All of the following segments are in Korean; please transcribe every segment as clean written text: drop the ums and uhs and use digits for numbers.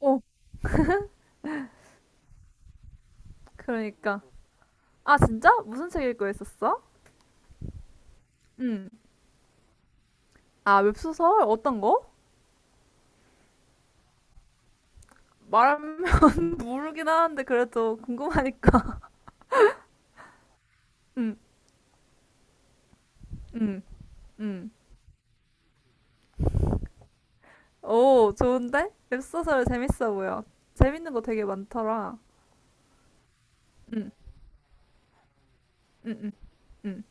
어, 그러니까. 아, 진짜? 무슨 책 읽고 있었어? 응. 아, 웹소설? 어떤 거? 말하면 모르긴 하는데 그래도 궁금하니까. 응, 응, 응, 오, 좋은데? 웹소설 재밌어 보여. 재밌는 거 되게 많더라. 응, 응, 응, 응.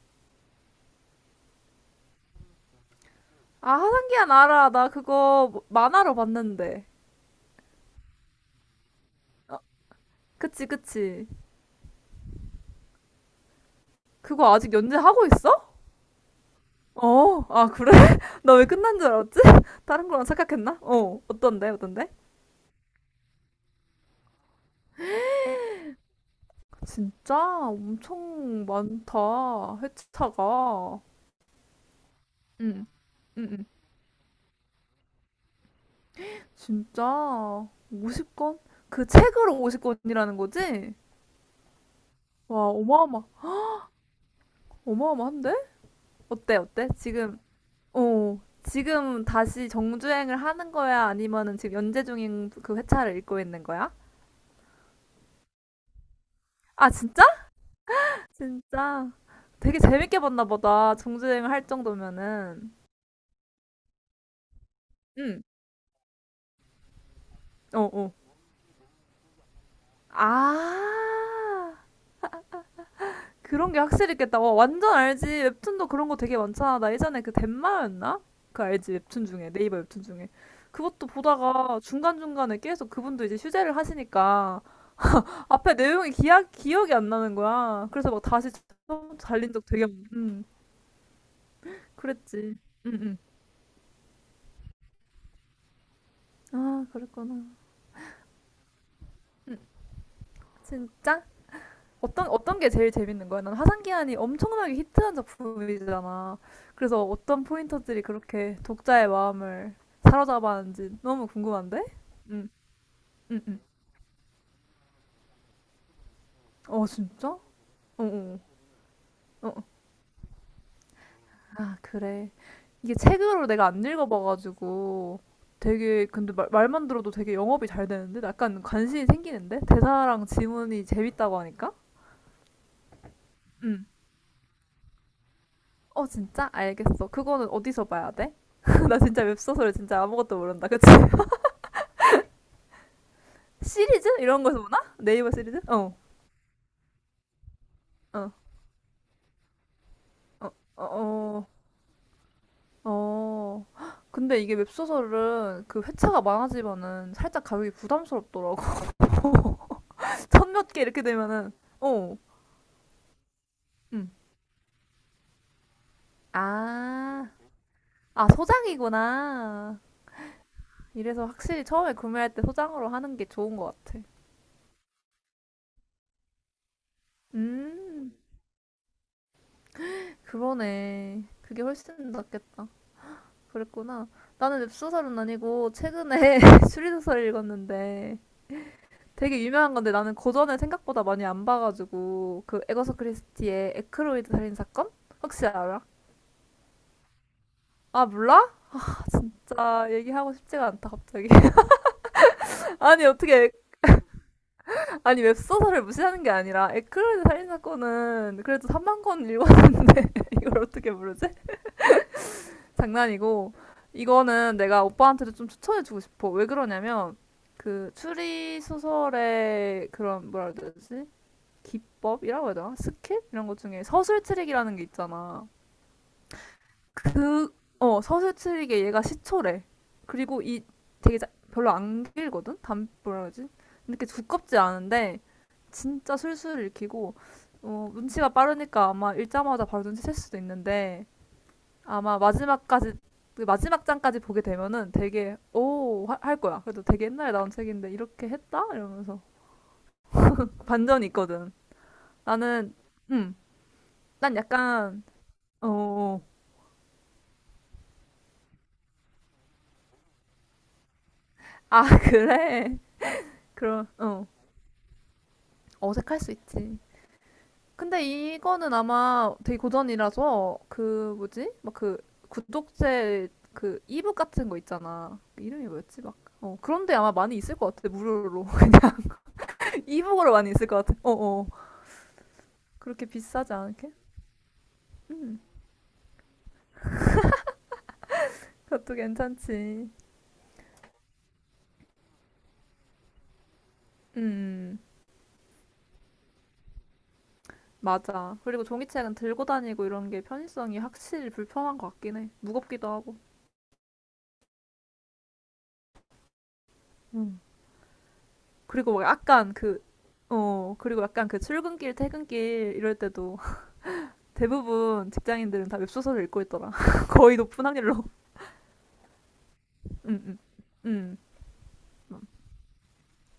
아, 하상기한 알아. 나 그거 만화로 봤는데. 어, 그치, 그치. 그거 아직 연재하고 있어? 어, 아, 그래? 나 왜 끝난 줄 알았지? 다른 거랑 착각했나? 어, 어떤데, 어떤데? 진짜 엄청 많다. 회차가. 응, 응, 응. 진짜 50권? 그 책으로 50권이라는 거지? 와, 어마어마, 어마어마한데? 어때, 어때? 지금, 어, 지금 다시 정주행을 하는 거야? 아니면은 지금 연재 중인 그 회차를 읽고 있는 거야? 아, 진짜? 진짜. 되게 재밌게 봤나 보다. 정주행을 할 정도면은. 응, 어, 어. 아. 그런 게 확실히 있겠다. 와, 완전 알지. 웹툰도 그런 거 되게 많잖아. 나 예전에 그 덴마였나? 그 알지. 웹툰 중에. 네이버 웹툰 중에. 그것도 보다가 중간중간에 계속 그분도 이제 휴재를 하시니까 앞에 내용이 기억이 안 나는 거야. 그래서 막 다시 처음 달린 적 되게 많 그랬지. 응, 응. 아, 그랬구나. 진짜? 어떤 어떤 게 제일 재밌는 거야? 난 화산기한이 엄청나게 히트한 작품이잖아. 그래서 어떤 포인터들이 그렇게 독자의 마음을 사로잡았는지 너무 궁금한데? 응, 응, 응. 어, 진짜? 어, 어, 어. 어. 아, 그래. 이게 책으로 내가 안 읽어봐가지고 되게 근데 말만 들어도 되게 영업이 잘 되는데? 약간 관심이 생기는데? 대사랑 지문이 재밌다고 하니까? 응. 어, 진짜? 알겠어. 그거는 어디서 봐야 돼? 나 진짜 웹소설을 진짜 아무것도 모른다. 그치? 시리즈 이런 거에서 보나? 네이버 시리즈? 어, 어, 어, 어, 어, 어. 근데 이게 웹소설은 그 회차가 많아지면은 살짝 가격이 부담스럽더라고. 천몇 개 이렇게 되면은, 어, 음. 아, 아, 소장이구나. 이래서 확실히 처음에 구매할 때 소장으로 하는 게 좋은 것 같아. 음, 그러네. 그게 훨씬 낫겠다. 그랬구나. 나는 웹소설은 아니고 최근에 추리소설을 읽었는데 되게 유명한 건데 나는 고전을 생각보다 많이 안 봐가지고 그 에거서 크리스티의 에크로이드 살인 사건 혹시 알아? 아 몰라? 아, 진짜 얘기하고 싶지가 않다 갑자기. 아니 아니 웹소설을 무시하는 게 아니라 에크로이드 살인 사건은 그래도 3만 권 읽었는데 이걸 어떻게 모르지? 장난이고 이거는 내가 오빠한테도 좀 추천해주고 싶어. 왜 그러냐면 그 추리 소설의 그런 뭐라 그러지? 기법이라고 해야 되나? 스킬? 이런 것 중에 서술 트릭이라는 게 있잖아. 그, 어, 서술 트릭에 얘가 시초래. 그리고 이 되게 별로 안 길거든? 단, 뭐라 그러지? 이렇게 두껍지 않은데 진짜 술술 읽히고 어, 눈치가 빠르니까 아마 읽자마자 바로 눈치챌 수도 있는데 아마 마지막까지 그 마지막 장까지 보게 되면은 되게 할 거야. 그래도 되게 옛날에 나온 책인데 이렇게 했다 이러면서 반전이 있거든. 나는 음, 난 약간 어. 어. 아, 그래. 그럼, 어. 어색할 수 있지. 근데 이거는 아마 되게 고전이라서, 그, 뭐지? 막 그, 구독제, 그, 이북 같은 거 있잖아. 그 이름이 뭐였지? 막, 어. 그런데 아마 많이 있을 것 같아, 무료로. 이북으로 많이 있을 것 같아. 어, 어. 그렇게 비싸지 않게? 음. 그것도 괜찮지. 음. 음. 맞아. 그리고 종이책은 들고 다니고 이런 게 편의성이 확실히 불편한 것 같긴 해. 무겁기도 하고. 그리고 막 약간 그, 어, 그리고 약간 그 출근길, 퇴근길 이럴 때도 대부분 직장인들은 다 웹소설을 읽고 있더라. 거의 높은 확률로. 응, 응, 응,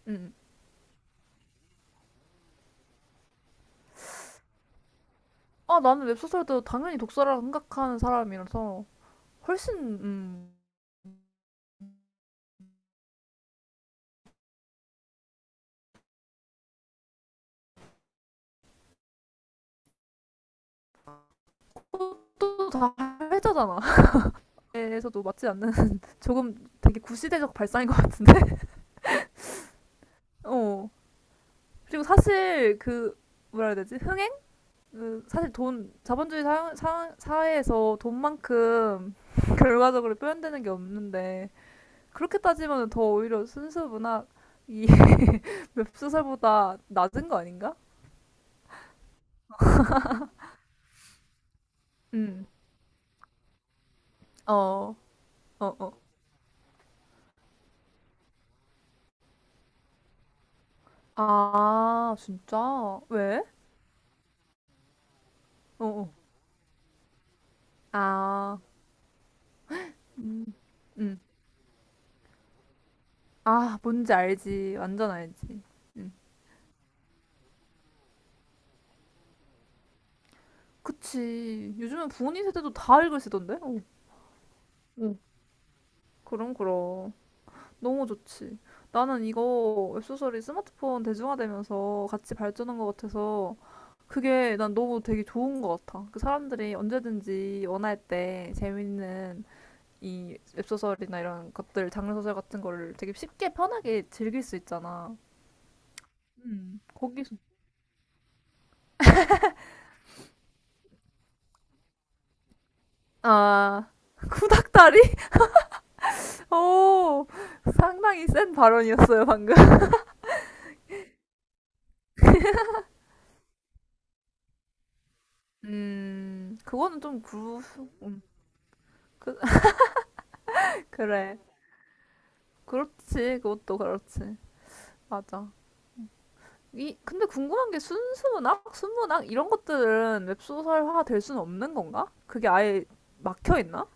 응. 아, 나는 웹소설도 당연히 독서라 생각하는 사람이라서 훨씬, 음, 그것도 다 회자잖아. 에서도 맞지 않는 조금 되게 구시대적 발상인 것 같은데? 어. 그리고 사실 그, 뭐라 해야 되지? 흥행? 그 사실 돈, 자본주의 사회에서 돈만큼 결과적으로 표현되는 게 없는데 그렇게 따지면 더 오히려 순수 문학이 웹소설보다 낮은 거 아닌가? 음. 어. 어, 어. 아, 진짜? 왜? 어, 어. 아. 음. 음. 아, 뭔지 알지. 완전 알지. 음. 그치. 요즘은 부모님 세대도 다 읽으시던데? 어. 어. 그럼 그럼. 너무 좋지. 나는 이거 웹소설이 스마트폰 대중화되면서 같이 발전한 것 같아서 그게 난 너무 되게 좋은 것 같아. 그 사람들이 언제든지 원할 때 재밌는 이 웹소설이나 이런 것들, 장르소설 같은 거를 되게 쉽게 편하게 즐길 수 있잖아. 거기서. 아, 구닥다리? 오, 상당히 센 발언이었어요, 방금. 그거는 좀 구, 음, 그, 그래. 그렇지, 그것도 그렇지. 맞아. 이 근데 궁금한 게 순수문학, 순문학 이런 것들은 웹소설화가 될 수는 없는 건가? 그게 아예 막혀 있나?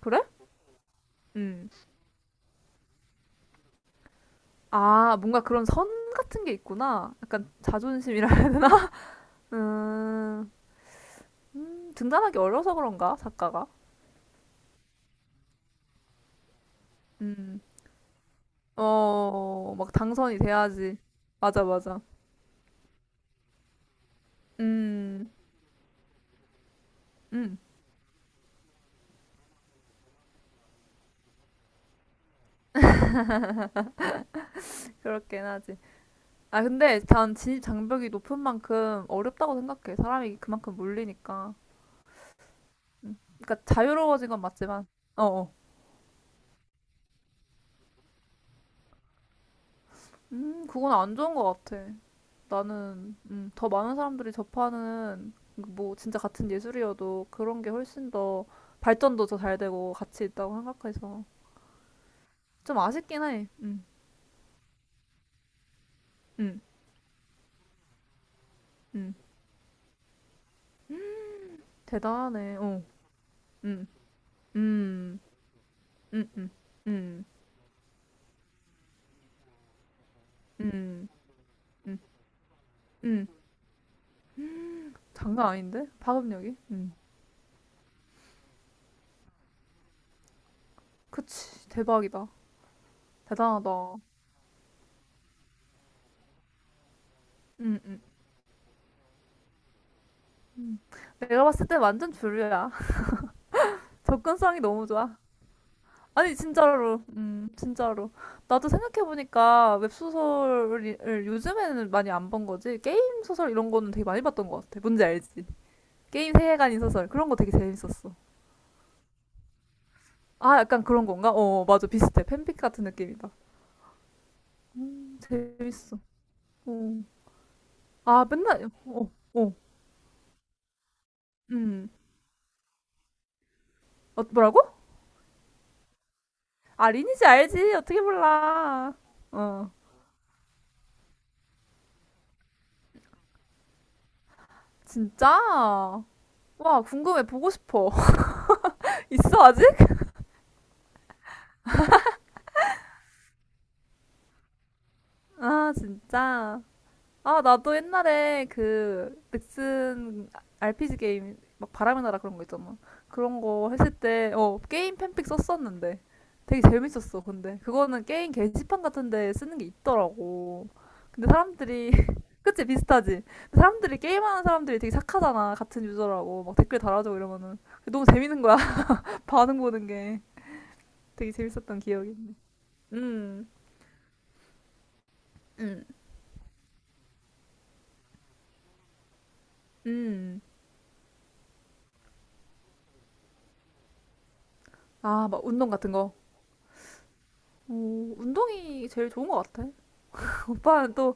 그래? 음. 아, 뭔가 그런 선 같은 게 있구나. 약간 자존심이라 해야 되나? 음, 등단하기 어려서 그런가? 작가가? 음. 어, 막 당선이 돼야지. 맞아, 맞아. 음, 음, 그렇긴 하지. 아, 근데 단 진입 장벽이 높은 만큼 어렵다고 생각해. 사람이 그만큼 몰리니까. 음. 그러니까 자유로워진 건 맞지만, 어, 어. 그건 안 좋은 것 같아. 나는, 더 많은 사람들이 접하는, 뭐, 진짜 같은 예술이어도 그런 게 훨씬 더 발전도 더 잘 되고 가치 있다고 생각해서. 좀 아쉽긴 해. 음, 음. 대단하네. 어, 음, 음, 음, 음, 음, 음, 음, 음. 장난 아닌데? 파급력이? 음. 그치. 대박이다. 대단하다. 음, 음, 음. 내가 봤을 때 완전 주류야. 접근성이 너무 좋아. 아니, 진짜로. 진짜로. 나도 생각해보니까 웹소설을 요즘에는 많이 안 본 거지. 게임 소설 이런 거는 되게 많이 봤던 것 같아. 뭔지 알지? 게임 세계관인 소설. 그런 거 되게 재밌었어. 아, 약간 그런 건가? 어, 어, 맞아. 비슷해. 팬픽 같은 느낌이다. 재밌어. 어. 아, 맨날, 어, 어. 음. 어, 뭐라고? 아, 리니지 알지? 어떻게 몰라. 어. 진짜? 와, 궁금해. 보고 싶어. 있어, 아직? 아, 진짜. 아, 나도 옛날에 그 넥슨 RPG 게임 막 바람의 나라 그런 거 있잖아. 그런 거 했을 때, 어, 게임 팬픽 썼었는데. 되게 재밌었어, 근데. 그거는 게임 게시판 같은 데 쓰는 게 있더라고. 근데 사람들이, 그치, 비슷하지? 근데 사람들이, 게임하는 사람들이 되게 착하잖아. 같은 유저라고. 막 댓글 달아줘 이러면은. 너무 재밌는 거야. 반응 보는 게. 되게 재밌었던 기억이 있네. 음, 음 음. 아, 막 운동 같은 거. 오, 운동이 제일 좋은 것 같아. 오빠는 또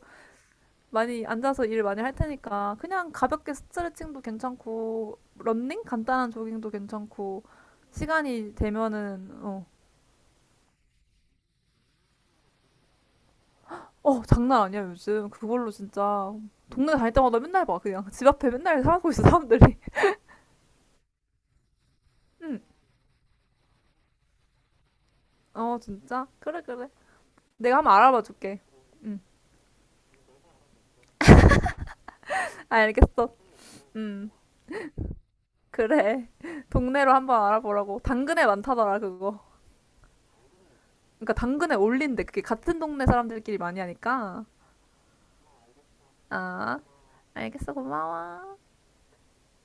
많이 앉아서 일 많이 할 테니까 그냥 가볍게 스트레칭도 괜찮고 런닝 간단한 조깅도 괜찮고 시간이 되면은 어, 어 장난 아니야 요즘 그걸로 진짜 동네 다닐 때마다 맨날 봐 그냥 집 앞에 맨날 하고 있어 사람들이. 응, 어 진짜 그래 그래. 내가 한번 알아봐 줄게. 응, 알겠어. 응, 그래. 동네로 한번 알아보라고. 당근에 많다더라 그거. 그러니까 당근에 올린대. 그게 같은 동네 사람들끼리 많이 하니까. 아, 알겠어. 고마워.